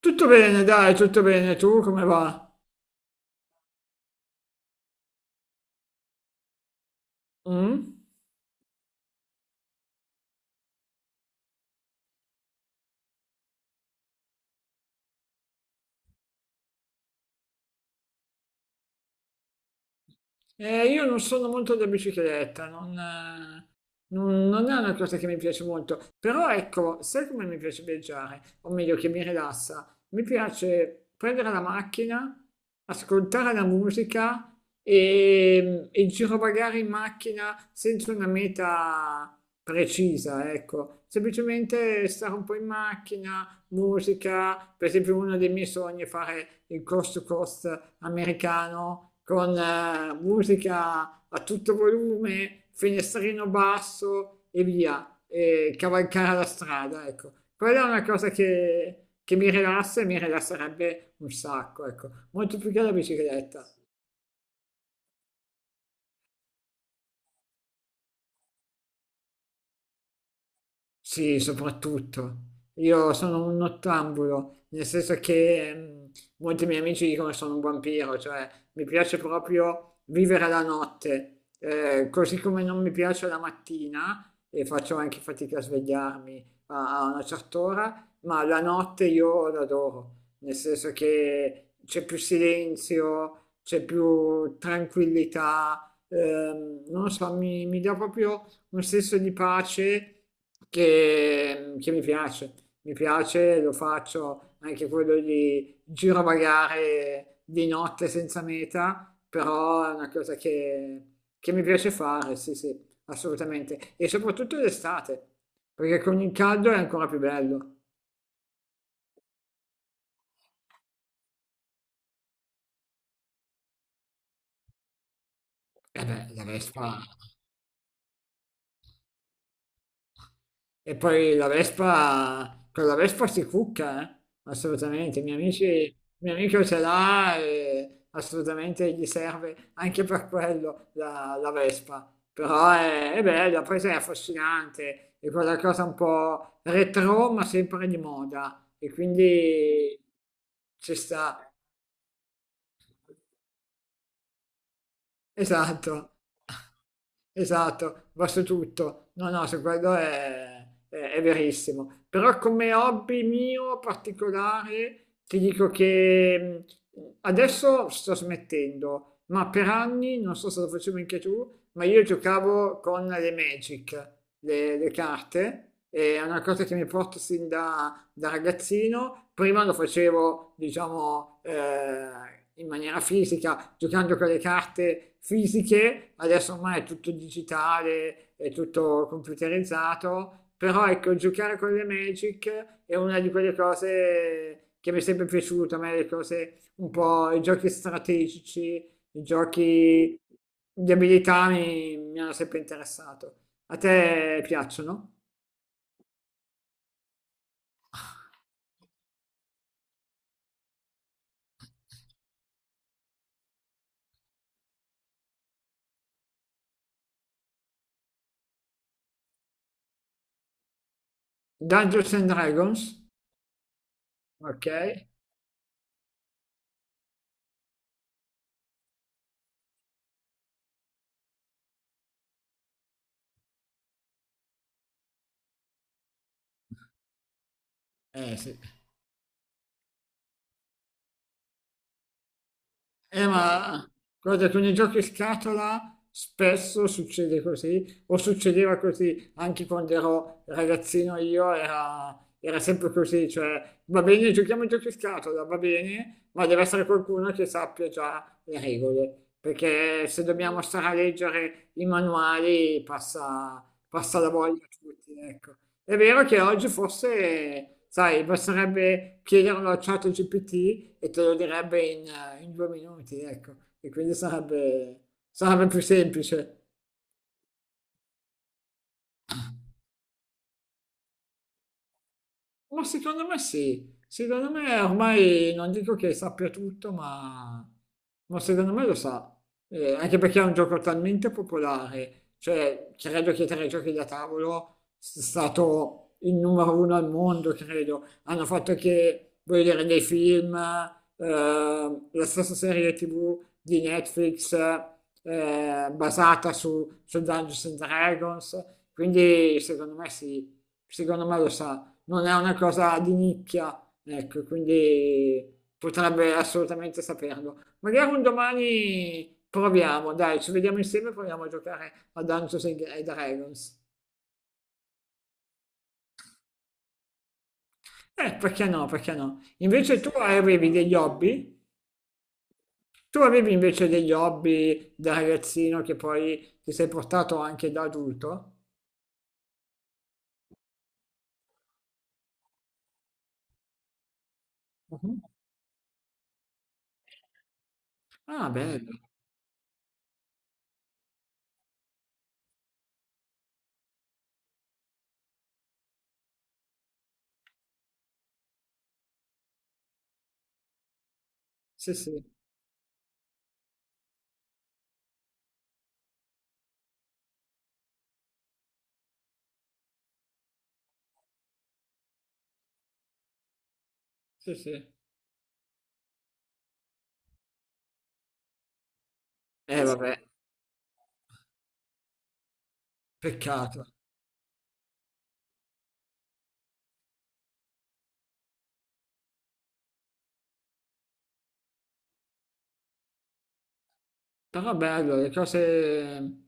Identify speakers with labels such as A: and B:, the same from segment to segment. A: Tutto bene, dai, tutto bene. Tu come va? Mm? Io non sono molto da bicicletta, non è una cosa che mi piace molto. Però ecco, sai come mi piace viaggiare? O meglio, che mi rilassa? Mi piace prendere la macchina, ascoltare la musica e girovagare in macchina senza una meta precisa, ecco. Semplicemente stare un po' in macchina, musica, per esempio uno dei miei sogni è fare il coast to coast americano con musica a tutto volume, finestrino basso e via, e cavalcare la strada, ecco. Quella è una cosa che mi rilassa e mi rilasserebbe un sacco, ecco, molto più che la bicicletta. Sì, soprattutto. Io sono un nottambulo, nel senso che molti miei amici dicono che sono un vampiro, cioè mi piace proprio vivere la notte. Così come non mi piace la mattina e faccio anche fatica a svegliarmi a una certa ora, ma la notte io l'adoro, nel senso che c'è più silenzio, c'è più tranquillità, non lo so, mi dà proprio un senso di pace che mi piace, lo faccio anche quello di girovagare di notte senza meta, però è una cosa che mi piace fare, sì, sì, assolutamente, e soprattutto d'estate, perché con il caldo è ancora più bello. E beh, la Vespa. E poi la Vespa, con la Vespa si cucca, eh? Assolutamente, miei amici, mio amico ce l'ha e assolutamente gli serve anche per quello la Vespa. Però è bella, poi sai, è affascinante, è quella cosa un po' retro ma sempre di moda e quindi ci sta, esatto. Esatto, va su tutto. No, no, su quello è verissimo. Però come hobby mio particolare ti dico che adesso sto smettendo, ma per anni, non so se lo facevi anche tu, ma io giocavo con le Magic, le carte, e è una cosa che mi porto sin da ragazzino, prima lo facevo, diciamo, in maniera fisica, giocando con le carte fisiche, adesso ormai è tutto digitale, è tutto computerizzato, però ecco, giocare con le Magic è una di quelle cose che mi è sempre piaciuta, a me le cose un po', i giochi strategici, i giochi di abilità mi hanno sempre interessato. A te piacciono? Dungeons and Dragons? Ok. Eh sì. Ma guarda, con i giochi scatola spesso succede così, o succedeva così anche quando ero ragazzino io, era sempre così, cioè va bene, giochiamo ai giochi scatola, va bene, ma deve essere qualcuno che sappia già le regole, perché se dobbiamo stare a leggere i manuali passa la voglia a tutti, ecco. È vero che oggi forse, sai, basterebbe chiederlo a ChatGPT e te lo direbbe in 2 minuti, ecco, e quindi sarebbe più semplice. Ma secondo me sì, secondo me ormai non dico che sappia tutto, ma secondo me lo sa. Anche perché è un gioco talmente popolare, cioè credo che tra i giochi da tavolo sia stato il numero uno al mondo, credo. Hanno fatto che, voglio dire, dei film, la stessa serie TV di Netflix basata su Dungeons and Dragons, quindi secondo me sì, secondo me lo sa, non è una cosa di nicchia, ecco, quindi potrebbe assolutamente saperlo. Magari un domani proviamo, dai, ci vediamo insieme e proviamo a giocare a Dungeons and Dragons. Perché no, perché no? Invece tu avevi degli hobby? Tu avevi invece degli hobby da ragazzino che poi ti sei portato anche da adulto? Mhm. Ah, bello. Sì, sì, sì, sì. Vabbè, peccato. Però bello, le cose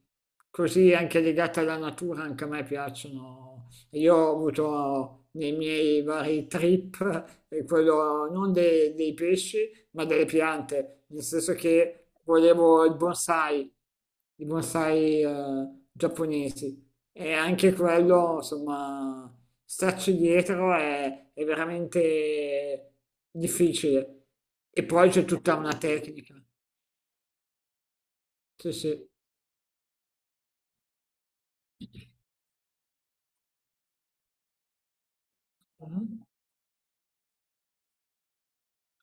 A: così anche legate alla natura anche a me piacciono. Io ho avuto nei miei vari trip quello non de- dei pesci, ma delle piante, nel senso che volevo il bonsai, i bonsai giapponesi. E anche quello, insomma, starci dietro è veramente difficile. E poi c'è tutta una tecnica. Sì, sì. Mhm.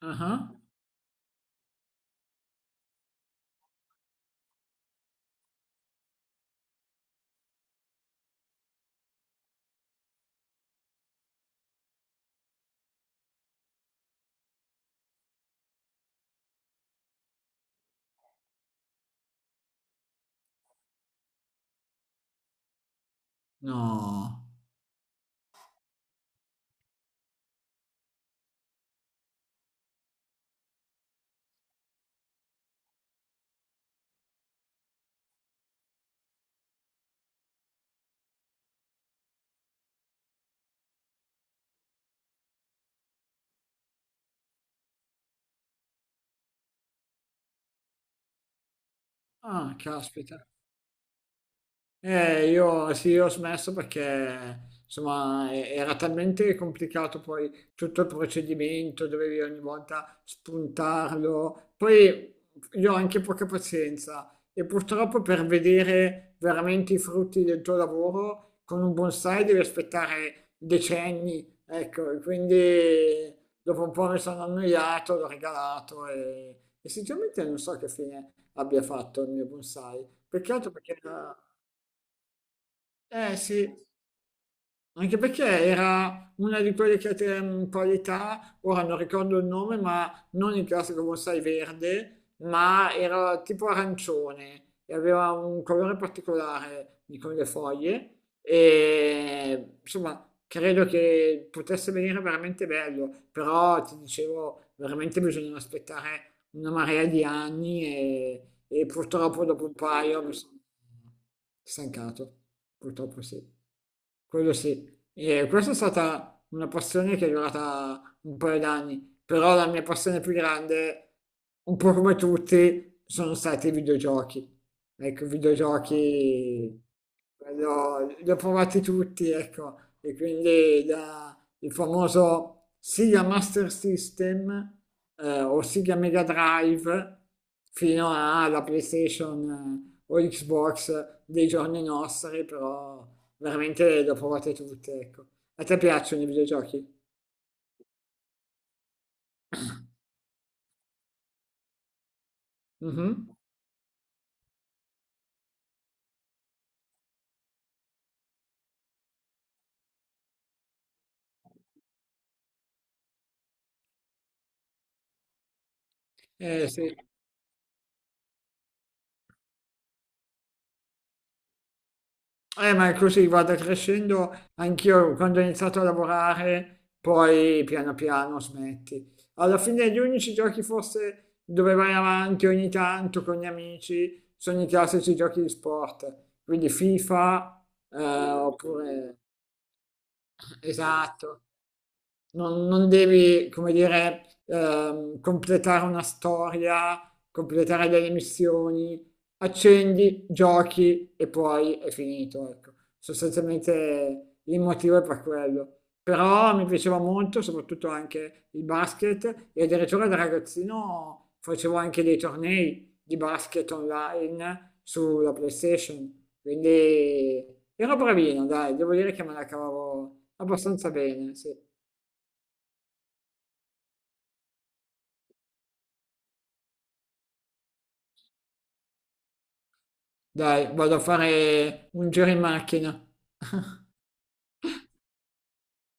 A: Ah ah? No. Ah, caspita. Io ho smesso perché insomma era talmente complicato poi tutto il procedimento, dovevi ogni volta spuntarlo. Poi io ho anche poca pazienza e purtroppo per vedere veramente i frutti del tuo lavoro con un bonsai devi aspettare decenni, ecco, e quindi dopo un po' mi sono annoiato, l'ho regalato e sinceramente non so che fine abbia fatto il mio bonsai. Peccato perché era eh sì. Anche perché era una di quelle qualità, ora non ricordo il nome, ma non il classico bonsai verde, ma era tipo arancione e aveva un colore particolare di con le foglie e insomma credo che potesse venire veramente bello, però ti dicevo veramente bisogna aspettare una marea di anni e purtroppo dopo un paio mi sono stancato, purtroppo sì. Quello sì, e questa è stata una passione che è durata un paio d'anni, però la mia passione più grande, un po' come tutti, sono stati i videogiochi. Ecco, i videogiochi li ho provati tutti, ecco, e quindi il famoso Sega Master System o Sega Mega Drive fino alla PlayStation o Xbox dei giorni nostri, però veramente le ho provate tutte, ecco. A te piacciono i videogiochi? Mhm. Eh sì, ma è così, guarda, crescendo, anch'io quando ho iniziato a lavorare, poi piano piano smetti. Alla fine gli unici giochi forse dove vai avanti ogni tanto con gli amici sono i classici giochi di sport, quindi FIFA, oppure... Esatto. Non devi, come dire, completare una storia, completare delle missioni, accendi, giochi e poi è finito, ecco. Sostanzialmente il motivo è per quello. Però mi piaceva molto, soprattutto anche il basket e addirittura da ragazzino facevo anche dei tornei di basket online sulla PlayStation, quindi ero bravino, dai, devo dire che me la cavavo abbastanza bene, sì. Dai, vado a fare un giro in macchina.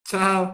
A: Ciao!